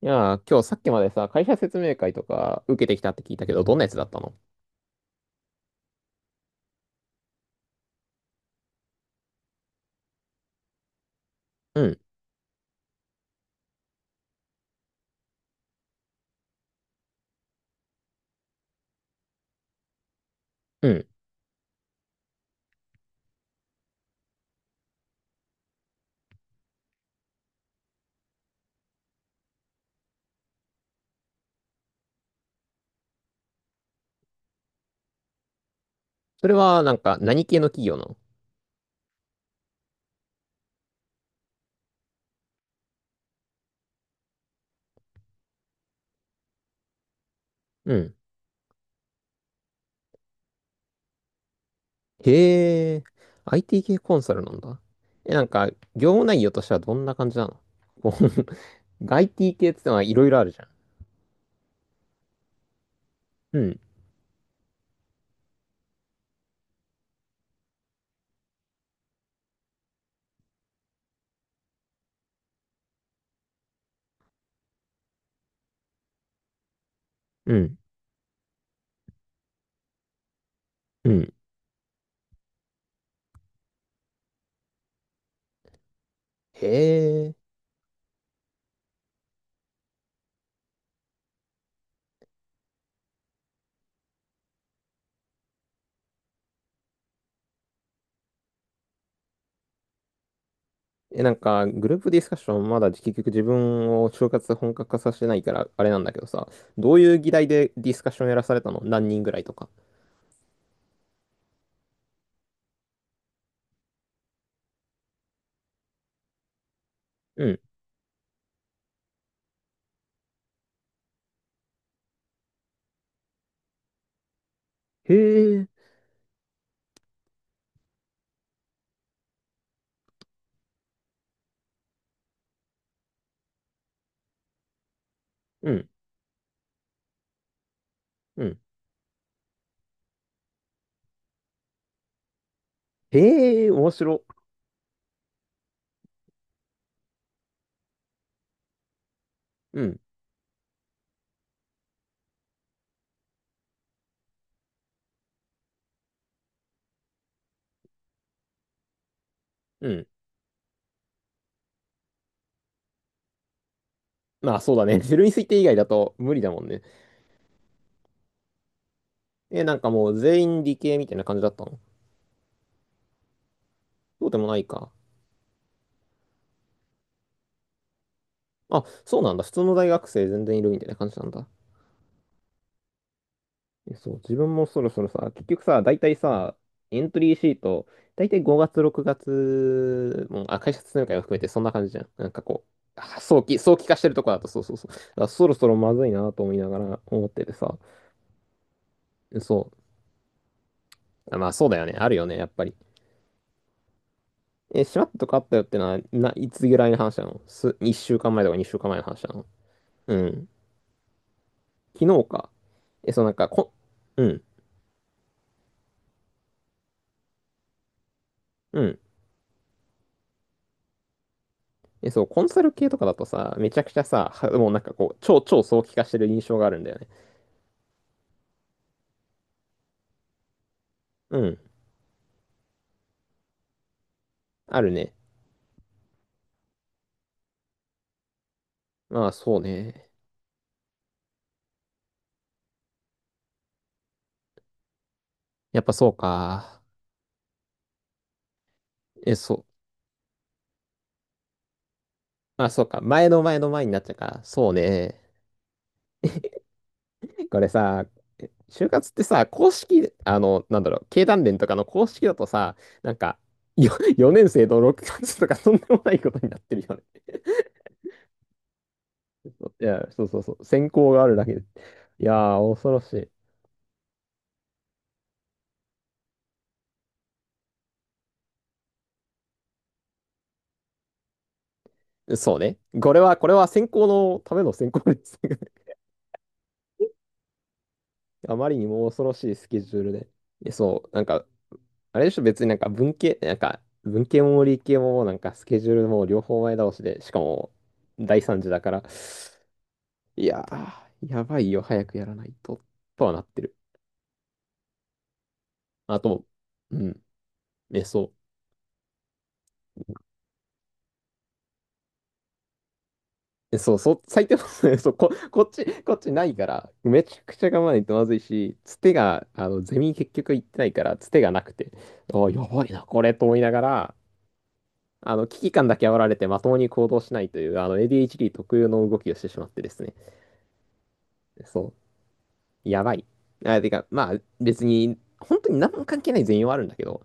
いやー、今日さっきまでさ、会社説明会とか受けてきたって聞いたけど、どんなやつだったの？うん、うん。それは、なんか、何系の企業なの？うん。へえ、IT 系コンサルなんだ。え、なんか、業務内容としてはどんな感じなの？こう IT 系ってのはいろいろあるじゃん。うん、うん、うん。へえ。え、なんか、グループディスカッションまだ結局自分を就活本格化させてないから、あれなんだけどさ、どういう議題でディスカッションやらされたの？何人ぐらいとか。うん。へえ。うん。うん。へえ、面白。うん。うん。まあそうだね。ゼロに推定以外だと無理だもんね。え、なんかもう全員理系みたいな感じだったの？そうでもないか。あ、そうなんだ。普通の大学生全然いるみたいな感じなんだ。えそう、自分もそろそろさ、結局さ、大体さ、エントリーシート、大体5月、6月、もう、あ、会社説明会を含めてそんな感じじゃん。なんかこう、あ早期化してるとこだと、そうそうそう。だからそろそろまずいなと思いながら思っててさ。そう。あまあそうだよね。あるよね、やっぱり。え、しまったとこあったよってのは、いつぐらいの話なの、1週間前とか2週間前の話なの？うん。昨日か。え、そうなんか、うん、うん。え、そう、コンサル系とかだとさ、めちゃくちゃさ、はもうなんかこう、超超早期化してる印象があるんだよね。うん。あるね。まあ、そうね。やっぱそうか。え、そう。あ、そうか。前の前の前になっちゃうか。そうね。これさ、就活ってさ、公式、あの、なんだろう、経団連とかの公式だとさ、なんか、よ4 年生の6月とかとんでもないことになってるよね。いや、そうそうそう、選考があるだけで。いやー、恐ろしい。そうね。これは選考のための選考です。あまりにも恐ろしいスケジュールで。えそう、なんか、あれでしょ、別になんか文系、なんか、文系も理系もなんかスケジュールも両方前倒しで、しかも第三次だから、いやー、やばいよ、早くやらないと、とはなってる。あと、うん、え、そう。え、そう、そう、最低の、そう、こっちないから、めちゃくちゃ我慢ないとまずいし、つてが、あの、ゼミ結局行ってないから、つてがなくて、ああ、やばいな、これ、と思いながら、あの、危機感だけ煽られてまともに行動しないという、あの、ADHD 特有の動きをしてしまってですね。そう、やばい。あ、てか、まあ、別に、本当に何も関係ない全容はあるんだけど、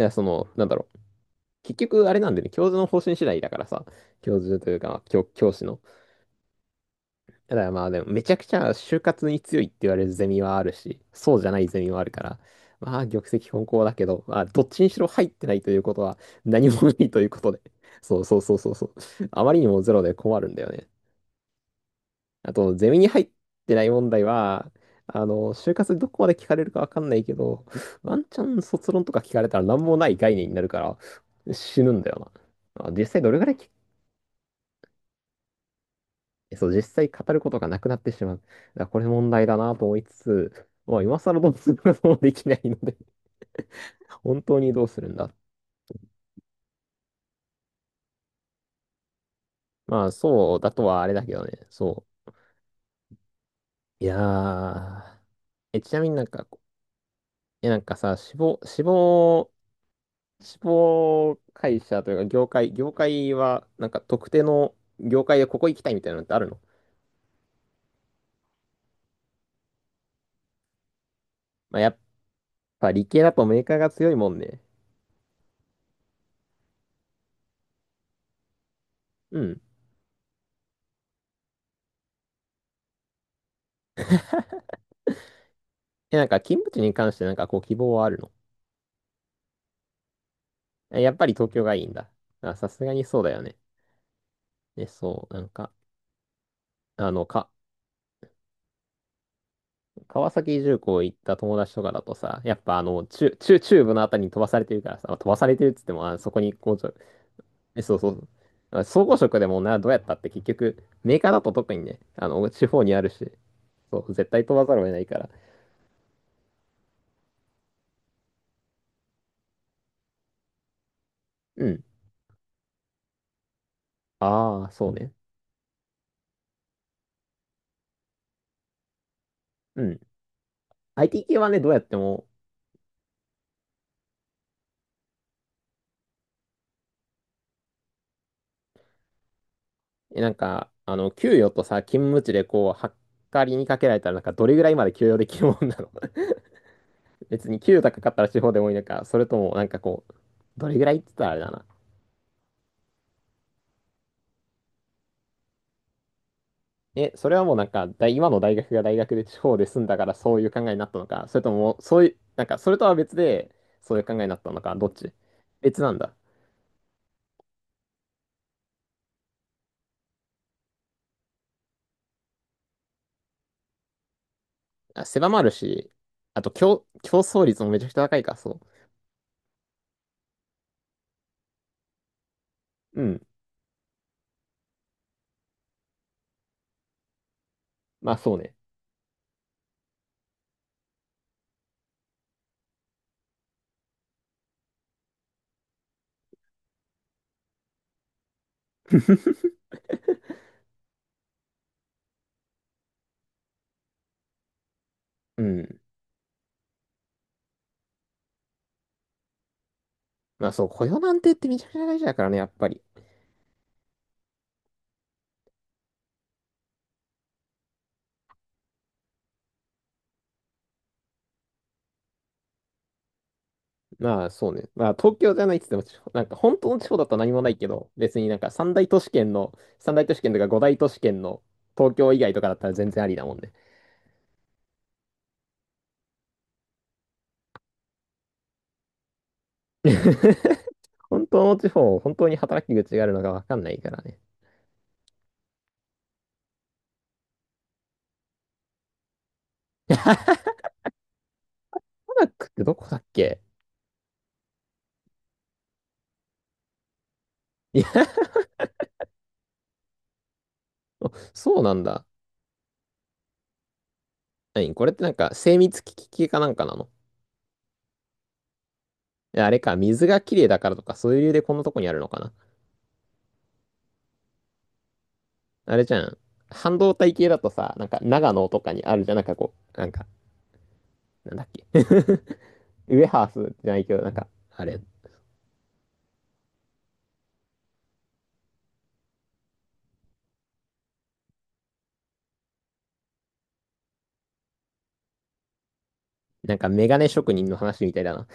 いや、その、なんだろう。結局あれなんでね、教授の方針次第だからさ、教授というか、教師の。だからまあでも、めちゃくちゃ就活に強いって言われるゼミはあるし、そうじゃないゼミはあるから、まあ玉石混交だけど、まあどっちにしろ入ってないということは何もないということで。そうそうそうそうそう。あまりにもゼロで困るんだよね。あと、ゼミに入ってない問題は、あの、就活でどこまで聞かれるかわかんないけど、ワンチャン卒論とか聞かれたら何もない概念になるから死ぬんだよな。まあ実際どれぐらい。そう、実際語ることがなくなってしまう。だからこれ問題だなと思いつつ、まあ、今更どうすることもできないので、本当にどうするんだ。まあ、そうだとはあれだけどね、そう。いやー、え、ちなみになんか、え、なんかさ、死亡会社というか、業界は、なんか特定の業界でここ行きたいみたいなのってあるの？まあ、やっぱ理系だとメーカーが強いもんね。うん。え、なんか勤務地に関してなんかこう希望はあるの？えやっぱり東京がいいんだ。あ、さすがにそうだよね。で、そう、なんか、あの、川崎重工行った友達とかだとさ、やっぱあの、中部のあたりに飛ばされてるからさ、まあ飛ばされてるっつっても、あ、そこに工場、え、そうそう。あ総合職でもな、どうやったって結局、メーカーだと特にね、あの、地方にあるし、そう、絶対飛ばざるを得ないから。うん。ああ、そうね。うん。IT 系はね、どうやっても、えなんか、あの、給与とさ、勤務地でこう、はっかりにかけられたら、なんか、どれぐらいまで給与できるもんなの？別に給与高かったら地方でもいいのか、それともなんかこう、どれぐらいって言ったらあれだな。え、それはもうなんか今の大学が大学で地方で住んだからそういう考えになったのか、それとも、そういう、なんか、それとは別で、そういう考えになったのか、どっち？別なんだ。あ、狭まるし、あと競争率もめちゃくちゃ高いか、そう。うん。まあそうね。うん。まあそう、雇用なんてってめちゃくちゃ大事だからね、やっぱり。まあそうね。まあ東京じゃないって言っても、なんか本当の地方だと何もないけど、別になんか三大都市圏とか五大都市圏の東京以外とかだったら全然ありだもんね。本当の地方、本当に働き口があるのかわかんないからね。タナックってどこだっけ？いや、そうなんだ。何これってなんか精密機器系かなんかなの？いやあれか、水がきれいだからとかそういう理由でこんなとこにあるのかな？あれじゃん。半導体系だとさ、なんか長野とかにあるじゃん。なんかこう、なんか、なんだっけ ウェハースじゃないけど、なんか、あれ、なんかメガネ職人の話みたいだな。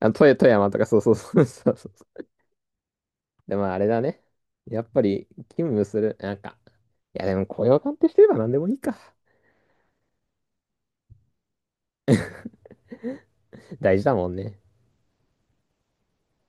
あの、富富山とか、そうそうそうそうそう。でもあれだね。やっぱり、勤務する、なんか、いやでも雇用鑑定してれば何でもいいか。大事だもんね。